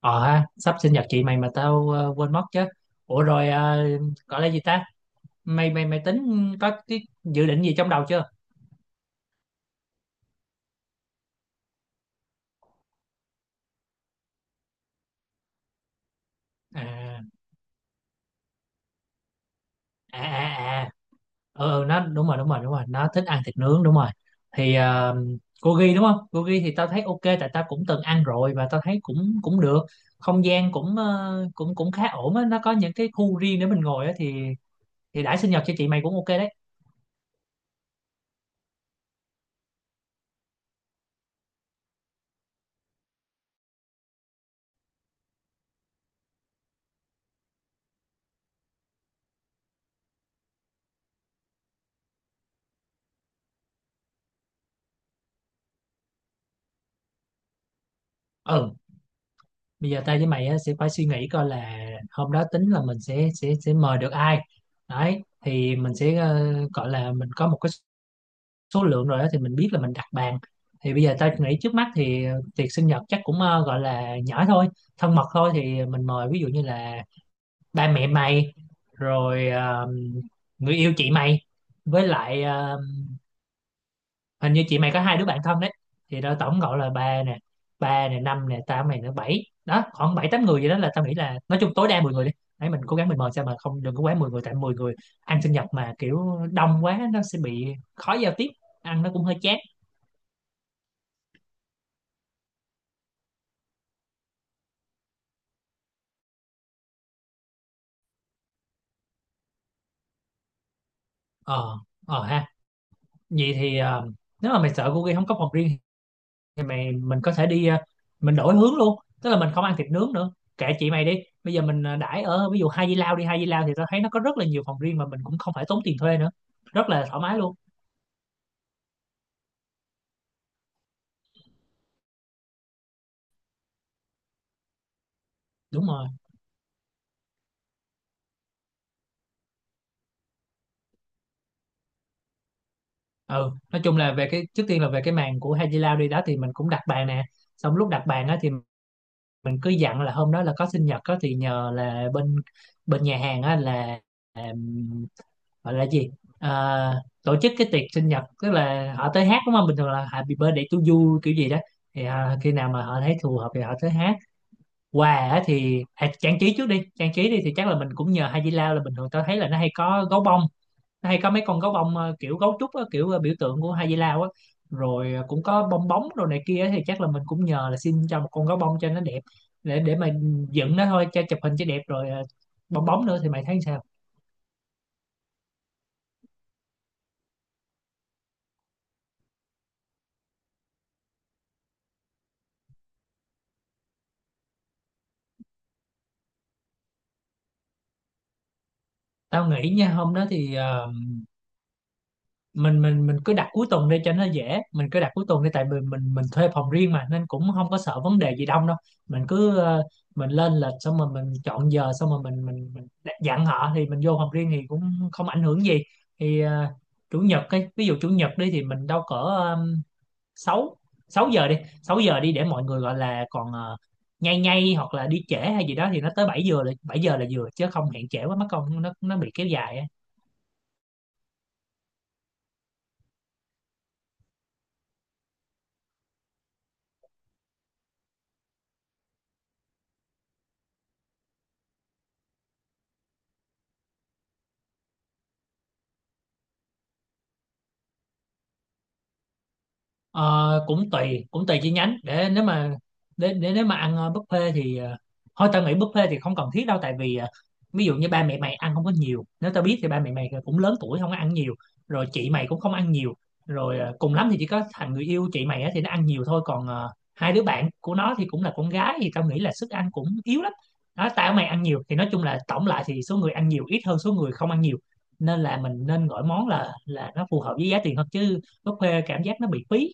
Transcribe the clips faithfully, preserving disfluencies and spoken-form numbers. Ờ ha, sắp sinh nhật chị mày mà tao ờ, quên mất chứ. Ủa rồi ờ, gọi là gì ta? Mày mày mày tính có cái dự định gì trong đầu chưa? À à à à. Ờ ờ, nó đúng rồi đúng rồi đúng rồi, nó thích ăn thịt nướng đúng rồi. Thì ờ, gogi đúng không? Gogi thì tao thấy ok tại tao cũng từng ăn rồi và tao thấy cũng cũng được. Không gian cũng ờ, cũng cũng khá ổn á, nó có những cái khu riêng để mình ngồi á thì thì đãi sinh nhật cho chị mày cũng ok đấy. Ừ, bây giờ tao với mày á, sẽ phải suy nghĩ coi là hôm đó tính là mình sẽ sẽ sẽ mời được ai đấy thì mình sẽ ờ, gọi là mình có một cái số lượng rồi đó thì mình biết là mình đặt bàn. Thì bây giờ tao nghĩ trước mắt thì ờ, tiệc sinh nhật chắc cũng ờ, gọi là nhỏ thôi, thân mật thôi, thì mình mời ví dụ như là ba mẹ mày, rồi ờ, người yêu chị mày, với lại ờ, hình như chị mày có hai đứa bạn thân đấy, thì đó tổng cộng là ba nè, ba nè, năm nè, tao mày nữa bảy, đó khoảng bảy tám người. Vậy đó là tao nghĩ là nói chung tối đa mười người đi, ấy mình cố gắng mình mời sao mà không, đừng có quá mười người, tại mười người ăn sinh nhật mà kiểu đông quá nó sẽ bị khó giao tiếp, ăn nó cũng hơi chán. Ờ ờ ha, vậy thì ờ, nếu mà mày sợ cô kia không có phòng riêng thì mày mình có thể đi, ờ, mình đổi hướng luôn, tức là mình không ăn thịt nướng nữa, kệ chị mày đi, bây giờ mình ờ, đãi ở ví dụ Hai Di Lao đi. Hai Di Lao thì tao thấy nó có rất là nhiều phòng riêng mà mình cũng không phải tốn tiền thuê nữa, rất là thoải mái luôn. Đúng rồi, ừ, nói chung là về cái, trước tiên là về cái màn của Hai Di Lao đi, đó thì mình cũng đặt bàn nè, xong lúc đặt bàn á thì mình cứ dặn là hôm đó là có sinh nhật á thì nhờ là bên bên nhà hàng á là gọi là gì, à, tổ chức cái tiệc sinh nhật, tức là họ tới hát đúng không, bình thường là happy birthday to you kiểu gì đó, thì à, khi nào mà họ thấy phù hợp thì họ tới hát. Quà á thì à, trang trí trước đi, trang trí đi thì chắc là mình cũng nhờ Hai Di Lao, là bình thường tao thấy là nó hay có gấu bông, nó hay có mấy con gấu bông ờ, kiểu gấu trúc á, kiểu ờ, biểu tượng của Hai Di Lao á, rồi ờ, cũng có bong bóng đồ này kia á, thì chắc là mình cũng nhờ là xin cho một con gấu bông cho nó đẹp để để mà dựng nó thôi cho chụp hình cho đẹp, rồi ờ, bong bóng nữa, thì mày thấy sao? Tao nghĩ nha, hôm đó thì ờ, mình mình mình cứ đặt cuối tuần đi cho nó dễ, mình cứ đặt cuối tuần đi tại vì mình mình thuê phòng riêng mà nên cũng không có sợ vấn đề gì đông đâu. Mình cứ ờ, mình lên lịch xong rồi mình chọn giờ xong rồi mình mình mình dặn họ, thì mình vô phòng riêng thì cũng không ảnh hưởng gì. Thì ờ, chủ nhật, cái ví dụ chủ nhật đi thì mình đâu cỡ um, sáu, 6 giờ đi, sáu giờ đi để mọi người gọi là còn ờ, nhay nhay hoặc là đi trễ hay gì đó thì nó tới bảy giờ, là bảy giờ là vừa chứ không hẹn trễ quá mất công nó nó bị kéo dài á. Ờ, cũng tùy, cũng tùy chi nhánh. Để nếu mà để, để nếu mà ăn ờ, buffet thì ờ, thôi tao nghĩ buffet thì không cần thiết đâu, tại vì ờ, ví dụ như ba mẹ mày ăn không có nhiều, nếu tao biết thì ba mẹ mày cũng lớn tuổi không có ăn nhiều, rồi chị mày cũng không ăn nhiều, rồi ờ, cùng lắm thì chỉ có thằng người yêu chị mày á thì nó ăn nhiều thôi, còn ờ, hai đứa bạn của nó thì cũng là con gái thì tao nghĩ là sức ăn cũng yếu lắm. Đó, tao mày ăn nhiều thì nói chung là tổng lại thì số người ăn nhiều ít hơn số người không ăn nhiều, nên là mình nên gọi món là là nó phù hợp với giá tiền hơn, chứ buffet cảm giác nó bị phí.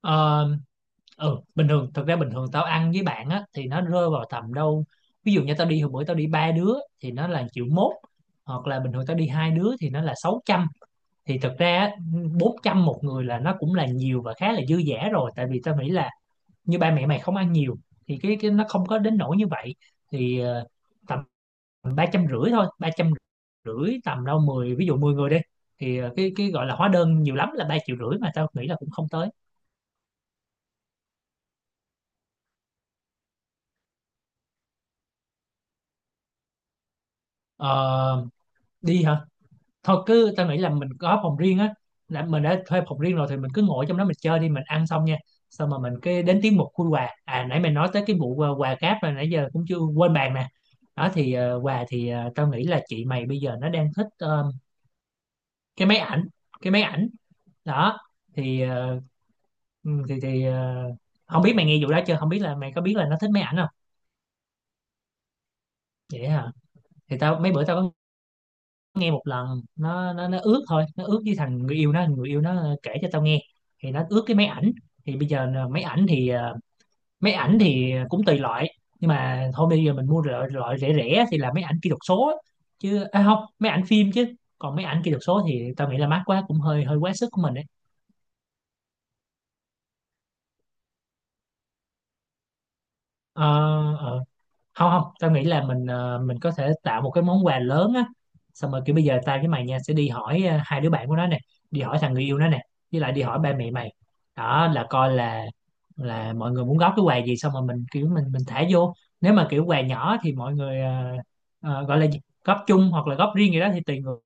Ờ, ừ, bình thường, thực ra bình thường tao ăn với bạn á thì nó rơi vào tầm đâu, ví dụ như tao đi hồi bữa tao đi ba đứa thì nó là triệu mốt, hoặc là bình thường tao đi hai đứa thì nó là sáu trăm, thì thực ra á, bốn trăm một người là nó cũng là nhiều và khá là dư dả rồi, tại vì tao nghĩ là như ba mẹ mày không ăn nhiều thì cái cái nó không có đến nỗi như vậy, thì ờ, tầm ba trăm rưỡi thôi, ba trăm rưỡi, tầm đâu mười, ví dụ mười người đi thì ờ, cái cái gọi là hóa đơn nhiều lắm là ba triệu rưỡi mà tao nghĩ là cũng không tới. Ờ, đi hả, thôi cứ tao nghĩ là mình có phòng riêng á, là mình đã thuê phòng riêng rồi thì mình cứ ngồi trong đó mình chơi đi, mình ăn xong nha, xong mà mình cái đến tiết mục khui quà, à nãy mày nói tới cái vụ ờ, quà cáp là nãy giờ cũng chưa quên bàn nè. Đó thì ờ, quà thì ờ, tao nghĩ là chị mày bây giờ nó đang thích ờ, cái máy ảnh, cái máy ảnh Đó thì ờ, ừ, thì thì ờ, không biết mày nghe vụ đó chưa, không biết là mày có biết là nó thích máy ảnh không. Vậy hả, thì tao mấy bữa tao có nghe một lần, nó nó nó ước thôi, nó ước với thằng người yêu nó, người yêu nó kể cho tao nghe, thì nó ước cái máy ảnh. Thì bây giờ là máy ảnh thì ờ, máy ảnh thì cũng tùy loại, nhưng mà thôi bây giờ mình mua loại, loại rẻ rẻ thì là máy ảnh kỹ thuật số á, chứ à không, máy ảnh phim chứ, còn máy ảnh kỹ thuật số thì tao nghĩ là mắc quá cũng hơi hơi quá sức của mình đấy. Ờ, ờ. Không không, tao nghĩ là mình ờ, mình có thể tạo một cái món quà lớn á, xong rồi kiểu bây giờ tao với mày nha sẽ đi hỏi ờ, hai đứa bạn của nó nè, đi hỏi thằng người yêu nó nè, với lại đi hỏi ba mẹ mày, đó là coi là là mọi người muốn góp cái quà gì, xong rồi mình kiểu mình mình thả vô, nếu mà kiểu quà nhỏ thì mọi người ờ, ờ, gọi là gì, góp chung hoặc là góp riêng gì đó thì tùy người,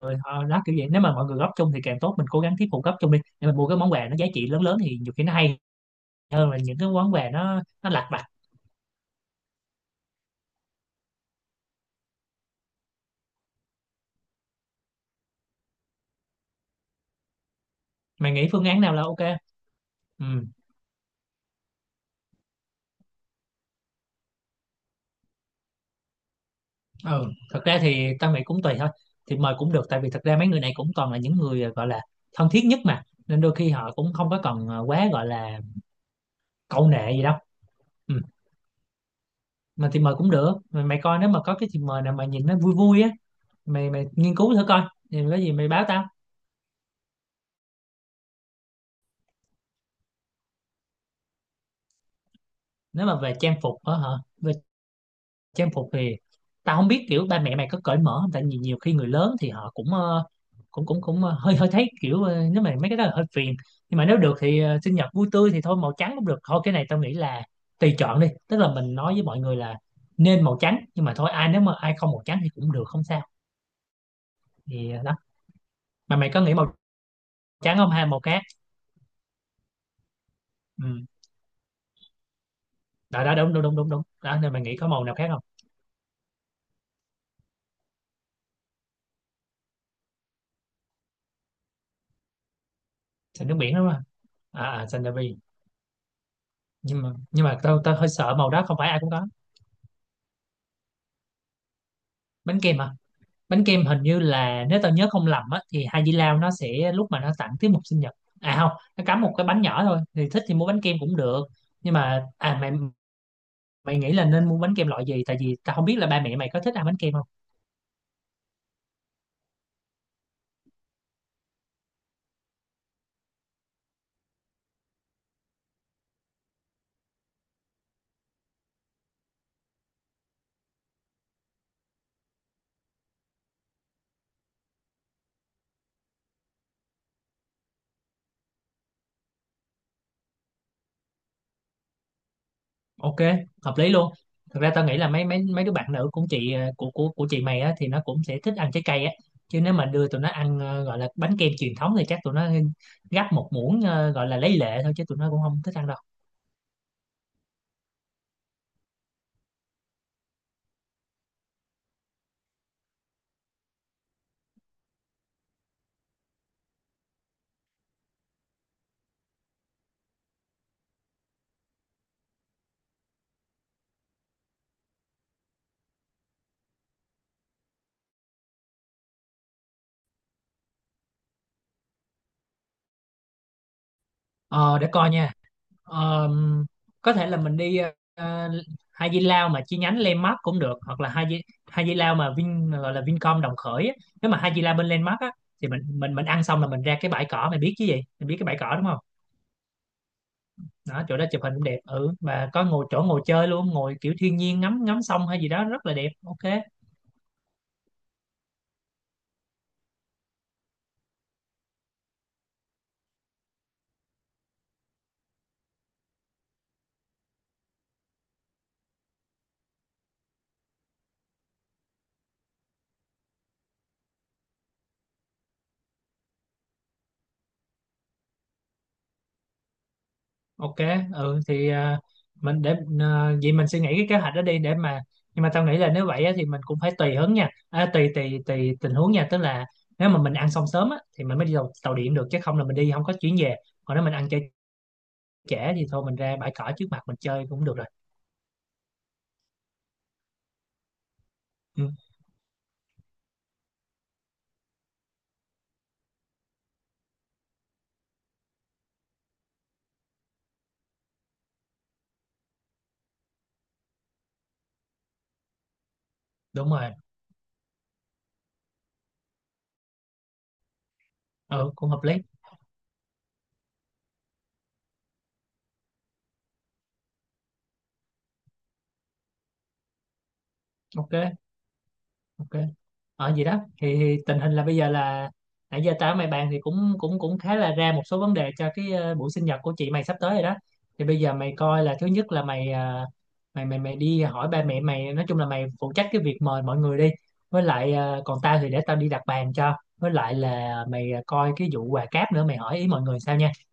người họ đó kiểu vậy, nếu mà mọi người góp chung thì càng tốt, mình cố gắng thuyết phục góp chung đi để mình mua cái món quà nó giá trị lớn lớn thì nhiều khi nó hay hơn là những cái món quà nó nó lặt vặt. Mày nghĩ phương án nào là ok? Ừ, ừ thật ra thì tao nghĩ cũng tùy thôi, thì mời cũng được tại vì thật ra mấy người này cũng toàn là những người à, gọi là thân thiết nhất mà, nên đôi khi họ cũng không có cần ờ, quá gọi là cậu nệ gì đâu. Ừ, mà thì mời cũng được mày, mày coi nếu mà có cái thì mời nào mà nhìn nó vui vui á, mày mày nghiên cứu thử coi, thì có gì mày báo tao. Nếu mà về trang phục á hả, về trang phục thì tao không biết kiểu ba mẹ mày có cởi mở không, tại vì nhiều khi người lớn thì họ cũng ờ, cũng cũng cũng ờ, hơi hơi thấy kiểu ờ, nếu mà mấy cái đó là hơi phiền, nhưng mà nếu được thì ờ, sinh nhật vui tươi thì thôi màu trắng cũng được thôi, cái này tao nghĩ là tùy chọn đi, tức là mình nói với mọi người là nên màu trắng nhưng mà thôi ai nếu mà ai không màu trắng thì cũng được, không sao. Thì ờ, đó, mà mày có nghĩ màu trắng không, hay màu khác? Ừ, đó đó đúng đúng đúng đúng đúng, đó nên mày nghĩ có màu nào khác không? Xanh nước biển đúng không? À, à xanh, nhưng mà nhưng mà tao tao hơi sợ màu đó không phải ai cũng có. Bánh kem hả? Bánh kem hình như là nếu tao nhớ không lầm á thì Hai Di Lao nó sẽ lúc mà nó tặng tiết mục sinh nhật, à không, nó cắm một cái bánh nhỏ thôi, thì thích thì mua bánh kem cũng được, nhưng mà à mày mày nghĩ là nên mua bánh kem loại gì, tại vì tao không biết là ba mẹ mày có thích ăn bánh kem không. Ok, hợp lý luôn. Thực ra tao nghĩ là mấy mấy mấy đứa bạn nữ cũng chị ờ, của của của chị mày á thì nó cũng sẽ thích ăn trái cây á, chứ nếu mà đưa tụi nó ăn ờ, gọi là bánh kem truyền thống thì chắc tụi nó gắp một muỗng, ờ, gọi là lấy lệ thôi chứ tụi nó cũng không thích ăn đâu. Ờ để coi nha. Ờm, có thể là mình đi ờ, Hai Di Lao mà chi nhánh Landmark cũng được, hoặc là Hai Di Hai Di Lao mà Vin, gọi là Vincom đồng khởi á. Nếu mà Hai Di Lao bên Landmark á thì mình mình mình ăn xong là mình ra cái bãi cỏ, mày biết chứ gì, mày biết cái bãi cỏ đúng không? Đó, chỗ đó chụp hình cũng đẹp, ừ và có ngồi, chỗ ngồi chơi luôn, ngồi kiểu thiên nhiên, ngắm ngắm sông hay gì đó rất là đẹp. Ok, ok. Ừ thì à, mình để à, vậy mình suy nghĩ cái kế hoạch đó đi để mà, nhưng mà tao nghĩ là nếu vậy á, thì mình cũng phải tùy hứng nha, à, tùy tùy tùy tình huống nha, tức là nếu mà mình ăn xong sớm á, thì mình mới đi tàu, tàu điện được chứ không là mình đi không có chuyến về, còn nếu mình ăn chơi trễ thì thôi mình ra bãi cỏ trước mặt mình chơi cũng được rồi. Ừ, đúng rồi, ừ cũng hợp lý. Ok, ok, ở gì đó thì, thì tình hình là bây giờ là nãy giờ tao với mày bàn thì cũng cũng cũng khá là ra một số vấn đề cho cái ờ, buổi sinh nhật của chị mày sắp tới rồi đó. Thì bây giờ mày coi là thứ nhất là mày ờ, mày mày mày đi hỏi ba mẹ mày, nói chung là mày phụ trách cái việc mời mọi người đi, với lại ờ, còn tao thì để tao đi đặt bàn cho, với lại là mày ờ, coi cái vụ quà cáp nữa, mày hỏi ý mọi người sao nha.